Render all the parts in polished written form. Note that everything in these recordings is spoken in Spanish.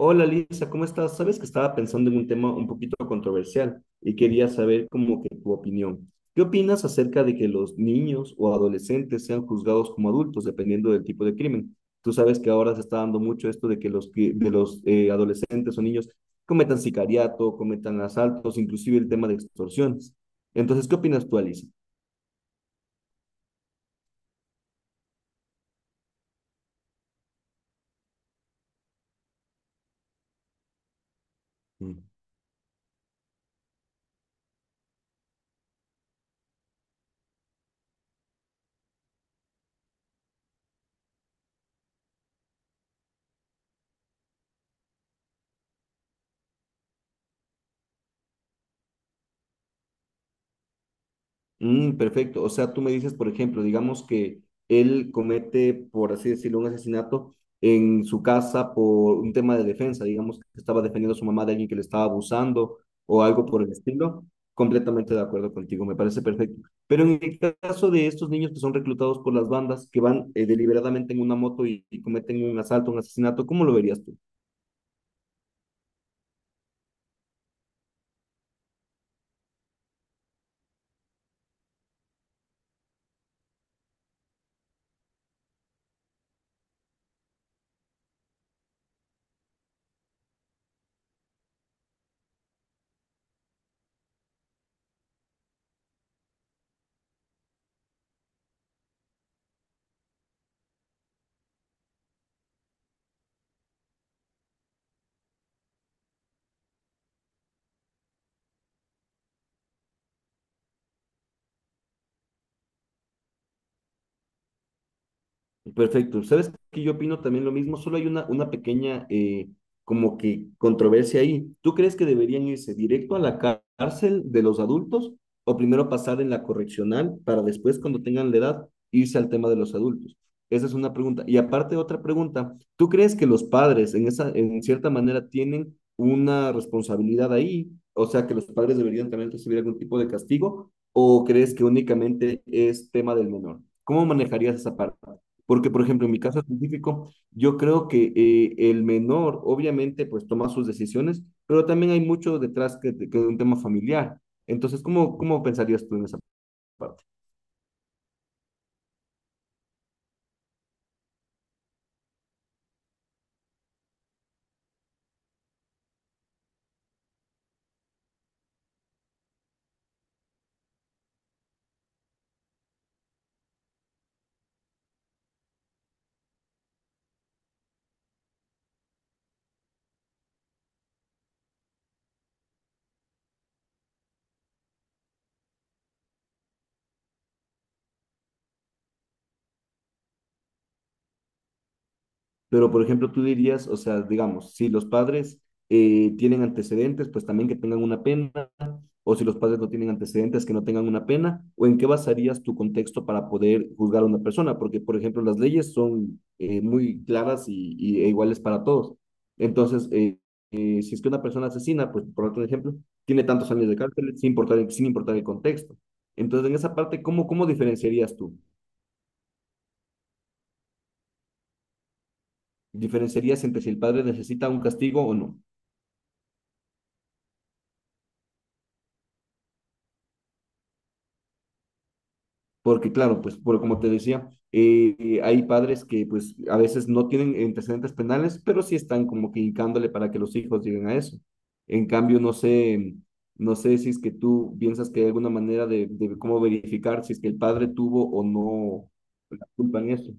Hola Lisa, ¿cómo estás? Sabes que estaba pensando en un tema un poquito controversial y quería saber como que tu opinión. ¿Qué opinas acerca de que los niños o adolescentes sean juzgados como adultos dependiendo del tipo de crimen? Tú sabes que ahora se está dando mucho esto de que los, que- de los adolescentes o niños cometan sicariato, cometan asaltos, inclusive el tema de extorsiones. Entonces, ¿qué opinas tú, Lisa? Mm, perfecto. O sea, tú me dices, por ejemplo, digamos que él comete, por así decirlo, un asesinato en su casa por un tema de defensa, digamos que estaba defendiendo a su mamá de alguien que le estaba abusando o algo por el estilo. Completamente de acuerdo contigo, me parece perfecto. Pero en el caso de estos niños que son reclutados por las bandas, que van deliberadamente en una moto y cometen un asalto, un asesinato, ¿cómo lo verías tú? Perfecto. ¿Sabes que yo opino también lo mismo? Solo hay una pequeña como que controversia ahí. ¿Tú crees que deberían irse directo a la cárcel de los adultos o primero pasar en la correccional para después, cuando tengan la edad, irse al tema de los adultos? Esa es una pregunta. Y aparte, otra pregunta. ¿Tú crees que los padres en cierta manera tienen una responsabilidad ahí? O sea, ¿que los padres deberían también recibir algún tipo de castigo o crees que únicamente es tema del menor? ¿Cómo manejarías esa parte? Porque, por ejemplo, en mi caso específico, yo creo que el menor, obviamente, pues toma sus decisiones, pero también hay mucho detrás que de un tema familiar. Entonces, cómo pensarías tú en esa parte? Pero, por ejemplo, tú dirías, o sea, digamos, si los padres tienen antecedentes, pues también que tengan una pena o si los padres no tienen antecedentes que no tengan una pena, o en qué basarías tu contexto para poder juzgar a una persona, porque por ejemplo las leyes son muy claras e iguales para todos. Entonces, si es que una persona asesina, pues por otro ejemplo, tiene tantos años de cárcel sin importar, sin importar el contexto. Entonces, en esa parte, cómo diferenciarías tú? ¿Diferenciarías entre si el padre necesita un castigo o no? Porque claro, pues por, como te decía, hay padres que pues a veces no tienen antecedentes penales, pero sí están como que hincándole para que los hijos lleguen a eso. En cambio, no sé, no sé si es que tú piensas que hay alguna manera de cómo verificar si es que el padre tuvo o no la culpa en eso.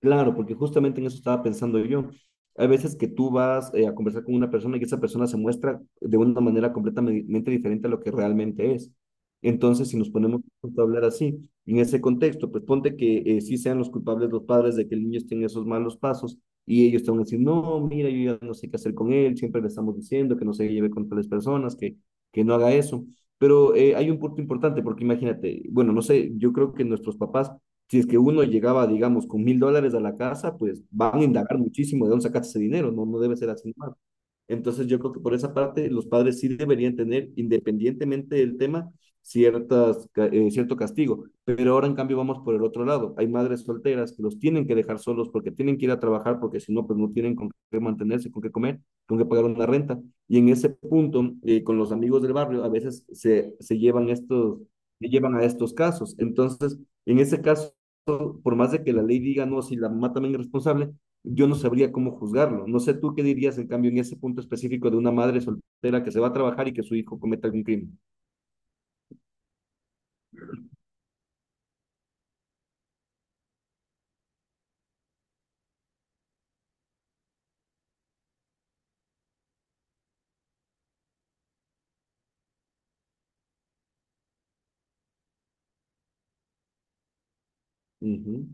Claro, porque justamente en eso estaba pensando yo. Hay veces que tú vas a conversar con una persona y esa persona se muestra de una manera completamente diferente a lo que realmente es. Entonces, si nos ponemos a hablar así, en ese contexto, pues ponte que sí sean los culpables los padres de que el niño esté en esos malos pasos y ellos te van a decir, no, mira, yo ya no sé qué hacer con él, siempre le estamos diciendo que no se lleve con tales personas, que no haga eso. Pero hay un punto importante, porque imagínate, bueno, no sé, yo creo que nuestros papás si es que uno llegaba, digamos, con $1000 a la casa, pues van a indagar muchísimo de dónde sacaste ese dinero, no, no debe ser así. Nomás. Entonces yo creo que por esa parte los padres sí deberían tener, independientemente del tema, cierto castigo. Pero ahora en cambio vamos por el otro lado. Hay madres solteras que los tienen que dejar solos porque tienen que ir a trabajar, porque si no, pues no tienen con qué mantenerse, con qué comer, con qué pagar una renta. Y en ese punto, con los amigos del barrio, a veces se llevan estos, se llevan a estos casos. Entonces, en ese caso por más de que la ley diga, no, si la mamá también es responsable, yo no sabría cómo juzgarlo. No sé tú qué dirías, en cambio, en ese punto específico de una madre soltera que se va a trabajar y que su hijo cometa algún crimen. Ujú.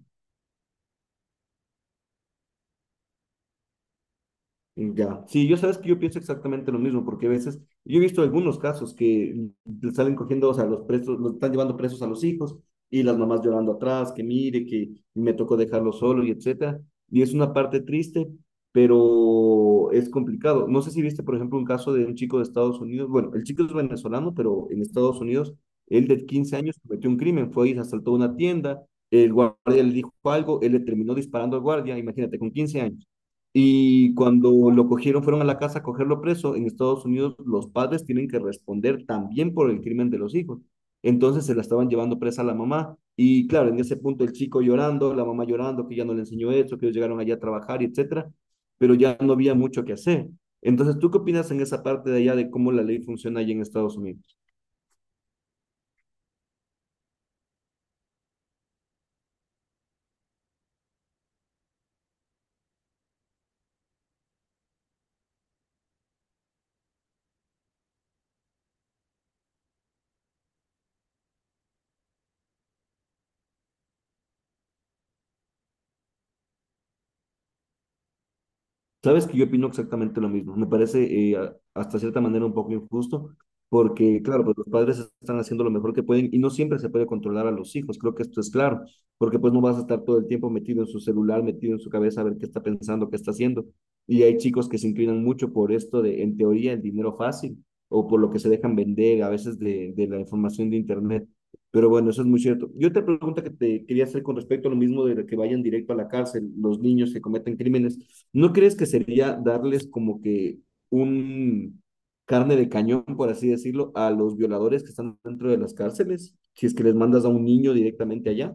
Ya, sí, yo sabes que yo pienso exactamente lo mismo, porque a veces, yo he visto algunos casos que le salen cogiendo, o sea, los presos, los están llevando presos a los hijos y las mamás llorando atrás, que mire, que me tocó dejarlo solo y etcétera. Y es una parte triste, pero es complicado. No sé si viste, por ejemplo, un caso de un chico de Estados Unidos, bueno, el chico es venezolano, pero en Estados Unidos, él de 15 años cometió un crimen, fue y asaltó una tienda, el guardia le dijo algo, él le terminó disparando al guardia, imagínate, con 15 años. Y cuando lo cogieron, fueron a la casa a cogerlo preso. En Estados Unidos, los padres tienen que responder también por el crimen de los hijos. Entonces se la estaban llevando presa a la mamá. Y claro, en ese punto el chico llorando, la mamá llorando, que ya no le enseñó eso, que ellos llegaron allá a trabajar, y etcétera. Pero ya no había mucho que hacer. Entonces, ¿tú qué opinas en esa parte de allá de cómo la ley funciona allá en Estados Unidos? Sabes que yo opino exactamente lo mismo. Me parece hasta cierta manera un poco injusto, porque claro, pues los padres están haciendo lo mejor que pueden y no siempre se puede controlar a los hijos. Creo que esto es claro, porque pues no vas a estar todo el tiempo metido en su celular, metido en su cabeza a ver qué está pensando, qué está haciendo. Y hay chicos que se inclinan mucho por esto de, en teoría, el dinero fácil o por lo que se dejan vender a veces de la información de internet. Pero bueno, eso es muy cierto. Yo otra pregunta que te quería hacer con respecto a lo mismo de que vayan directo a la cárcel los niños que cometen crímenes, ¿no crees que sería darles como que un carne de cañón, por así decirlo, a los violadores que están dentro de las cárceles? Si es que les mandas a un niño directamente allá.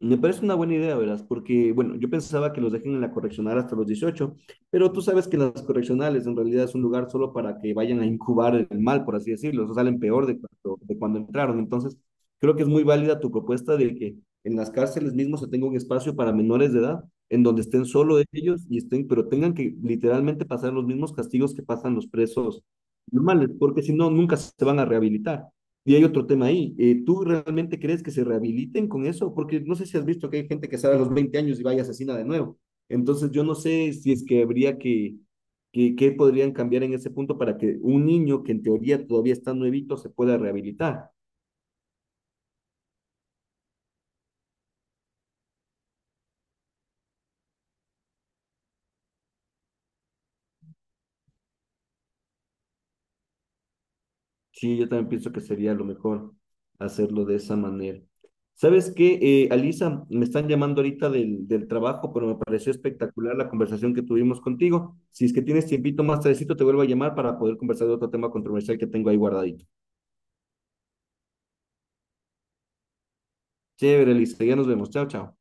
Me parece una buena idea, verás, porque, bueno, yo pensaba que los dejen en la correccional hasta los 18, pero tú sabes que las correccionales en realidad es un lugar solo para que vayan a incubar el mal, por así decirlo, o sea, salen peor de cuando entraron. Entonces, creo que es muy válida tu propuesta de que en las cárceles mismo se tenga un espacio para menores de edad, en donde estén solo ellos y estén, pero tengan que literalmente pasar los mismos castigos que pasan los presos normales, porque si no, nunca se van a rehabilitar. Y hay otro tema ahí. ¿Tú realmente crees que se rehabiliten con eso? Porque no sé si has visto que hay gente que sale a los 20 años y va y asesina de nuevo. Entonces, yo no sé si es que habría que podrían cambiar en ese punto para que un niño que en teoría todavía está nuevito se pueda rehabilitar. Sí, yo también pienso que sería lo mejor hacerlo de esa manera. ¿Sabes qué, Alisa? Me están llamando ahorita del trabajo, pero me pareció espectacular la conversación que tuvimos contigo. Si es que tienes tiempito más tardecito, te vuelvo a llamar para poder conversar de otro tema controversial que tengo ahí guardadito. Chévere, Alisa, ya nos vemos. Chao, chao.